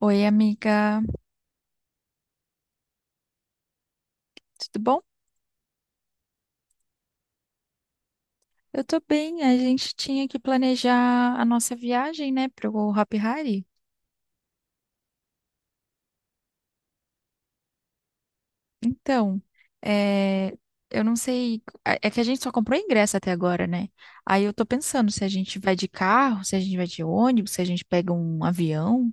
Oi, amiga, tudo bom? Eu tô bem. A gente tinha que planejar a nossa viagem, né, pro Hopi Hari. Então, é, eu não sei. É que a gente só comprou ingresso até agora, né? Aí eu tô pensando se a gente vai de carro, se a gente vai de ônibus, se a gente pega um avião.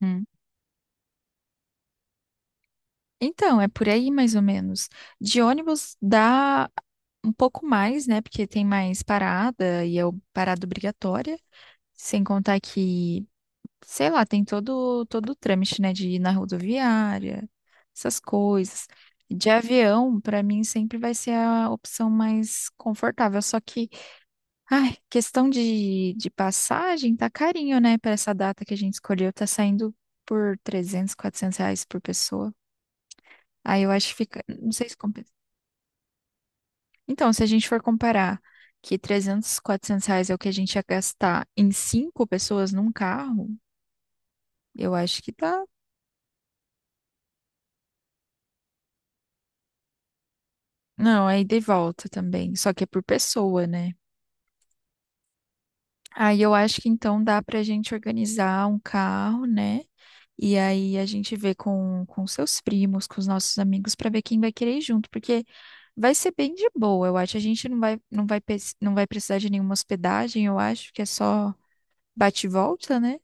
Uhum. Então, é por aí mais ou menos. De ônibus dá um pouco mais, né? Porque tem mais parada e é parada obrigatória. Sem contar que sei lá, tem todo o trâmite, né, de ir na rodoviária, essas coisas. De avião, pra mim sempre vai ser a opção mais confortável, só que, ai, questão de passagem tá carinho, né? Pra essa data que a gente escolheu, tá saindo por 300, 400 reais por pessoa. Aí eu acho que fica, não sei se compensa. Então, se a gente for comparar que 300, 400 reais é o que a gente ia gastar em 5 pessoas num carro, eu acho que tá. Não, é ida e volta também, só que é por pessoa, né? Aí eu acho que então dá pra gente organizar um carro, né? E aí a gente vê com seus primos, com os nossos amigos, pra ver quem vai querer ir junto, porque vai ser bem de boa, eu acho. A gente não vai precisar de nenhuma hospedagem, eu acho, que é só bate e volta, né?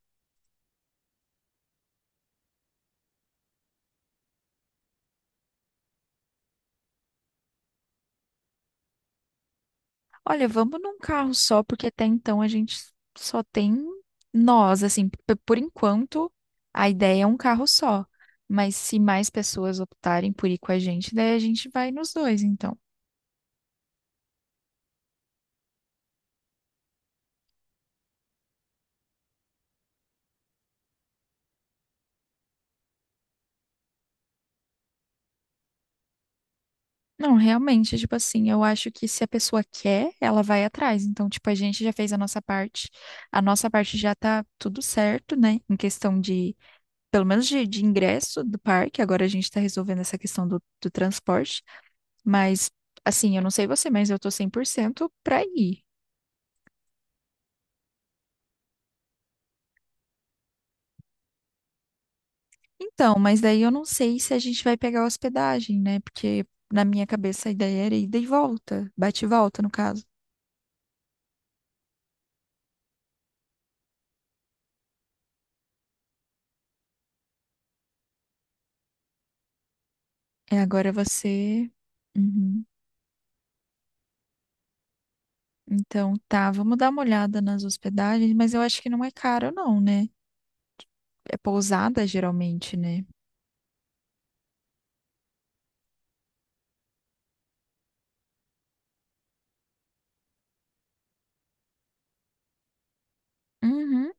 Olha, vamos num carro só, porque até então a gente só tem nós, assim, por enquanto a ideia é um carro só. Mas se mais pessoas optarem por ir com a gente, daí a gente vai nos dois, então. Não, realmente, tipo assim, eu acho que se a pessoa quer, ela vai atrás. Então, tipo, a gente já fez a nossa parte. A nossa parte já tá tudo certo, né? Em questão de, pelo menos de ingresso do parque. Agora a gente tá resolvendo essa questão do transporte. Mas, assim, eu não sei você, mas eu tô 100% pra ir. Então, mas daí eu não sei se a gente vai pegar hospedagem, né? Porque na minha cabeça a ideia era ida e volta, bate e volta, no caso. É, agora você. Uhum. Então, tá, vamos dar uma olhada nas hospedagens, mas eu acho que não é caro, não, né? É pousada, geralmente, né? Uhum.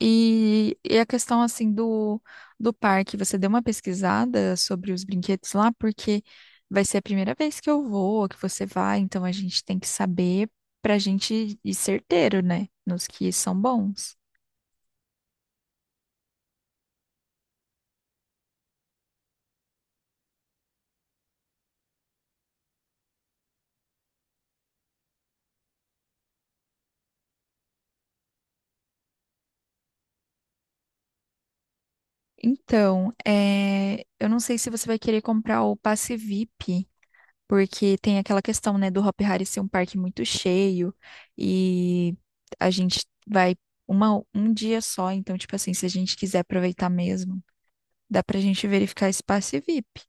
E a questão assim do parque, você deu uma pesquisada sobre os brinquedos lá, porque vai ser a primeira vez que eu vou, que você vai, então a gente tem que saber pra gente ir certeiro, né? Nos que são bons. Então, eu não sei se você vai querer comprar o passe VIP, porque tem aquela questão, né, do Hop Hari ser um parque muito cheio e a gente vai um dia só, então, tipo assim, se a gente quiser aproveitar mesmo. Dá pra gente verificar espaço e VIP.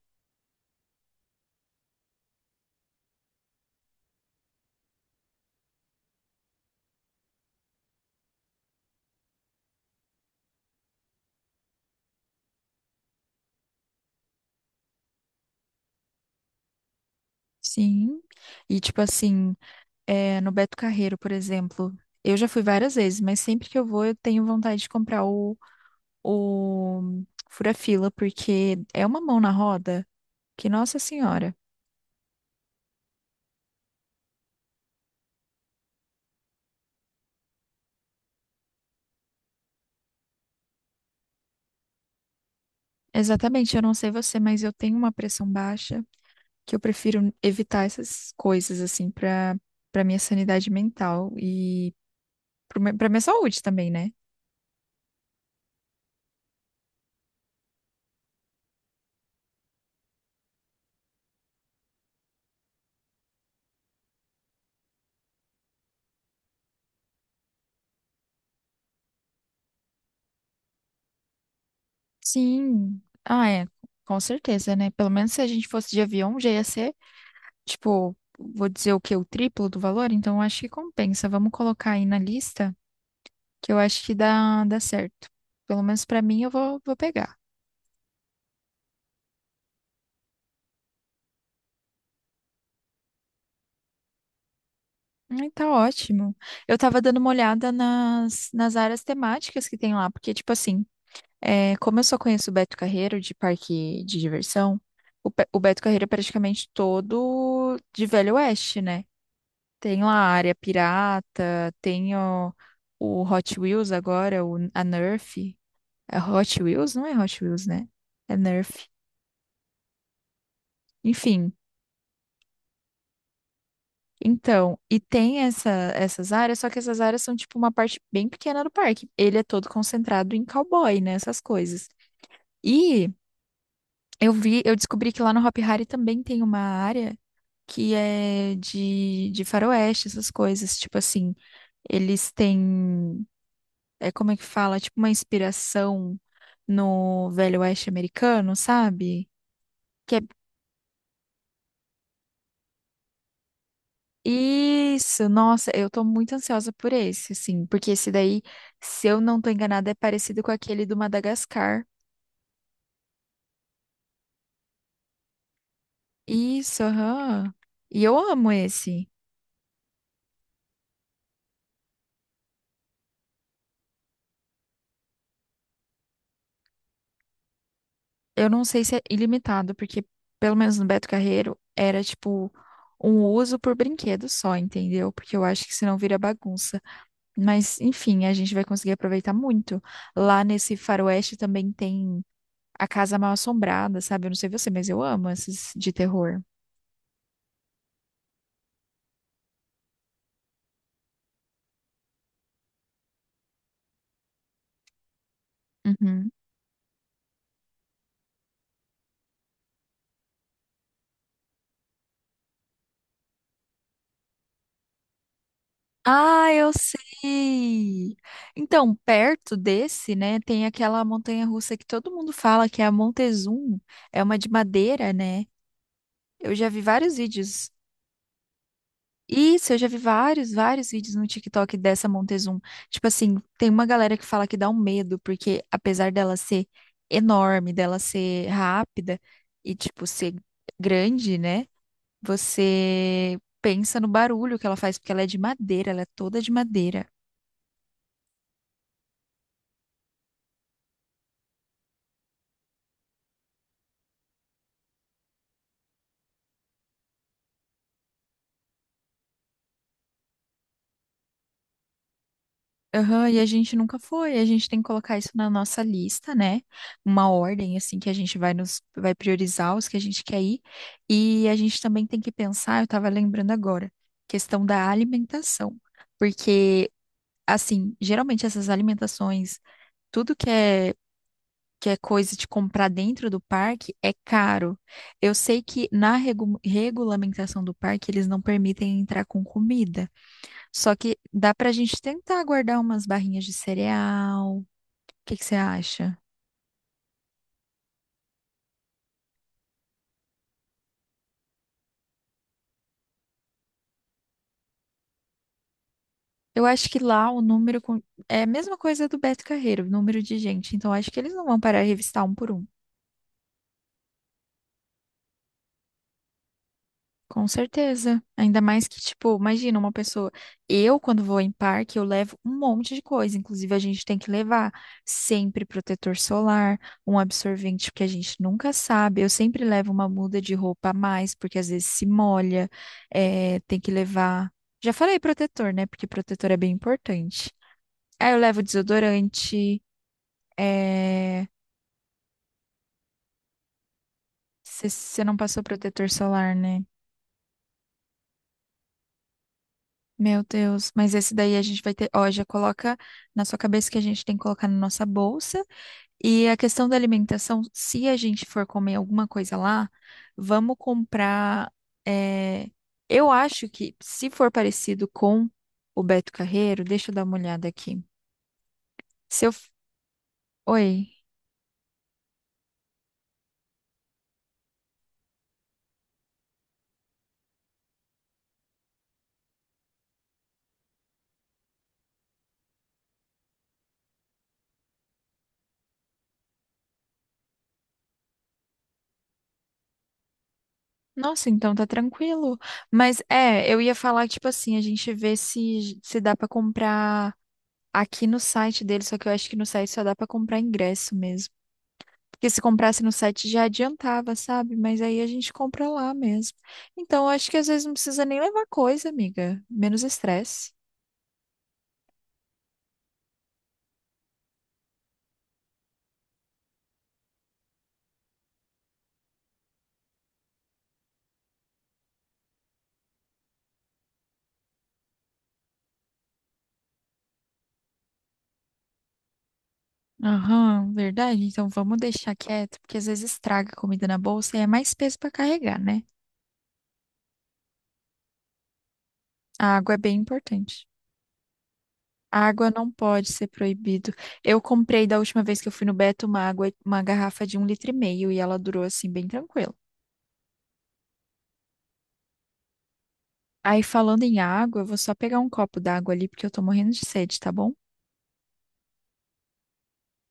Sim. E tipo assim, é, no Beto Carreiro, por exemplo, eu já fui várias vezes, mas sempre que eu vou, eu tenho vontade de comprar o fura-fila, porque é uma mão na roda que, nossa senhora. Exatamente, eu não sei você, mas eu tenho uma pressão baixa que eu prefiro evitar essas coisas, assim, pra, pra minha sanidade mental e pra minha saúde também, né? Sim. Ah, é, com certeza, né? Pelo menos se a gente fosse de avião, já ia ser, tipo, vou dizer o quê? O triplo do valor? Então, eu acho que compensa. Vamos colocar aí na lista, que eu acho que dá certo. Pelo menos pra mim, eu vou pegar. Ai, tá ótimo. Eu tava dando uma olhada nas áreas temáticas que tem lá, porque, tipo assim, é, como eu só conheço o Beto Carreiro de parque de diversão, o Beto Carreiro é praticamente todo de Velho Oeste, né? Tem lá a área pirata, tem o Hot Wheels agora, o, a Nerf. É Hot Wheels? Não é Hot Wheels, né? É Nerf. Enfim, então, e tem essas áreas, só que essas áreas são tipo uma parte bem pequena do parque. Ele é todo concentrado em cowboy, né? Essas coisas. E eu vi, eu descobri que lá no Hop Hari também tem uma área que é de faroeste, essas coisas. Tipo assim, eles têm. É como é que fala, é tipo uma inspiração no Velho Oeste americano, sabe? Que é isso, nossa, eu tô muito ansiosa por esse, assim, porque esse daí, se eu não tô enganada, é parecido com aquele do Madagascar. Isso, aham. E eu amo esse. Eu não sei se é ilimitado, porque pelo menos no Beto Carreiro era tipo um uso por brinquedo só, entendeu? Porque eu acho que senão vira bagunça. Mas, enfim, a gente vai conseguir aproveitar muito. Lá nesse faroeste também tem a Casa Mal Assombrada, sabe? Eu não sei você, mas eu amo esses de terror. Uhum. Ah, eu sei! Então, perto desse, né, tem aquela montanha-russa que todo mundo fala que é a Montezum. É uma de madeira, né? Eu já vi vários vídeos. Isso, eu já vi vários vídeos no TikTok dessa Montezum. Tipo assim, tem uma galera que fala que dá um medo, porque apesar dela ser enorme, dela ser rápida e, tipo, ser grande, né? Você pensa no barulho que ela faz, porque ela é de madeira, ela é toda de madeira. Aham, e a gente nunca foi, a gente tem que colocar isso na nossa lista, né? Uma ordem, assim, que a gente vai priorizar os que a gente quer ir. E a gente também tem que pensar, eu tava lembrando agora, questão da alimentação. Porque, assim, geralmente essas alimentações, tudo que é coisa de comprar dentro do parque é caro. Eu sei que na regulamentação do parque eles não permitem entrar com comida. Só que dá pra gente tentar guardar umas barrinhas de cereal. O que que você acha? Eu acho que lá é a mesma coisa do Beto Carreiro, o número de gente. Então acho que eles não vão parar de revistar um por um. Com certeza. Ainda mais que, tipo, imagina uma pessoa. Eu, quando vou em parque, eu levo um monte de coisa. Inclusive, a gente tem que levar sempre protetor solar, um absorvente, porque a gente nunca sabe. Eu sempre levo uma muda de roupa a mais, porque às vezes se molha. É, tem que levar. Já falei protetor, né? Porque protetor é bem importante. Aí eu levo desodorante. É... Você não passou protetor solar, né? Meu Deus, mas esse daí a gente vai ter, ó, já coloca na sua cabeça que a gente tem que colocar na nossa bolsa. E a questão da alimentação, se a gente for comer alguma coisa lá, vamos comprar. é, Eu acho que se for parecido com o Beto Carreiro, deixa eu dar uma olhada aqui. Se eu... f- Oi. Nossa, então tá tranquilo. Mas é, eu ia falar, tipo assim, a gente vê se, se dá pra comprar aqui no site dele, só que eu acho que no site só dá pra comprar ingresso mesmo. Porque se comprasse no site já adiantava, sabe? Mas aí a gente compra lá mesmo. Então, eu acho que às vezes não precisa nem levar coisa, amiga. Menos estresse. Aham, verdade. Então vamos deixar quieto, porque às vezes estraga a comida na bolsa e é mais peso para carregar, né? A água é bem importante. A água não pode ser proibido. Eu comprei da última vez que eu fui no Beto uma água, uma garrafa de 1,5 litro e ela durou assim bem tranquilo. Aí falando em água, eu vou só pegar um copo d'água ali porque eu tô morrendo de sede, tá bom?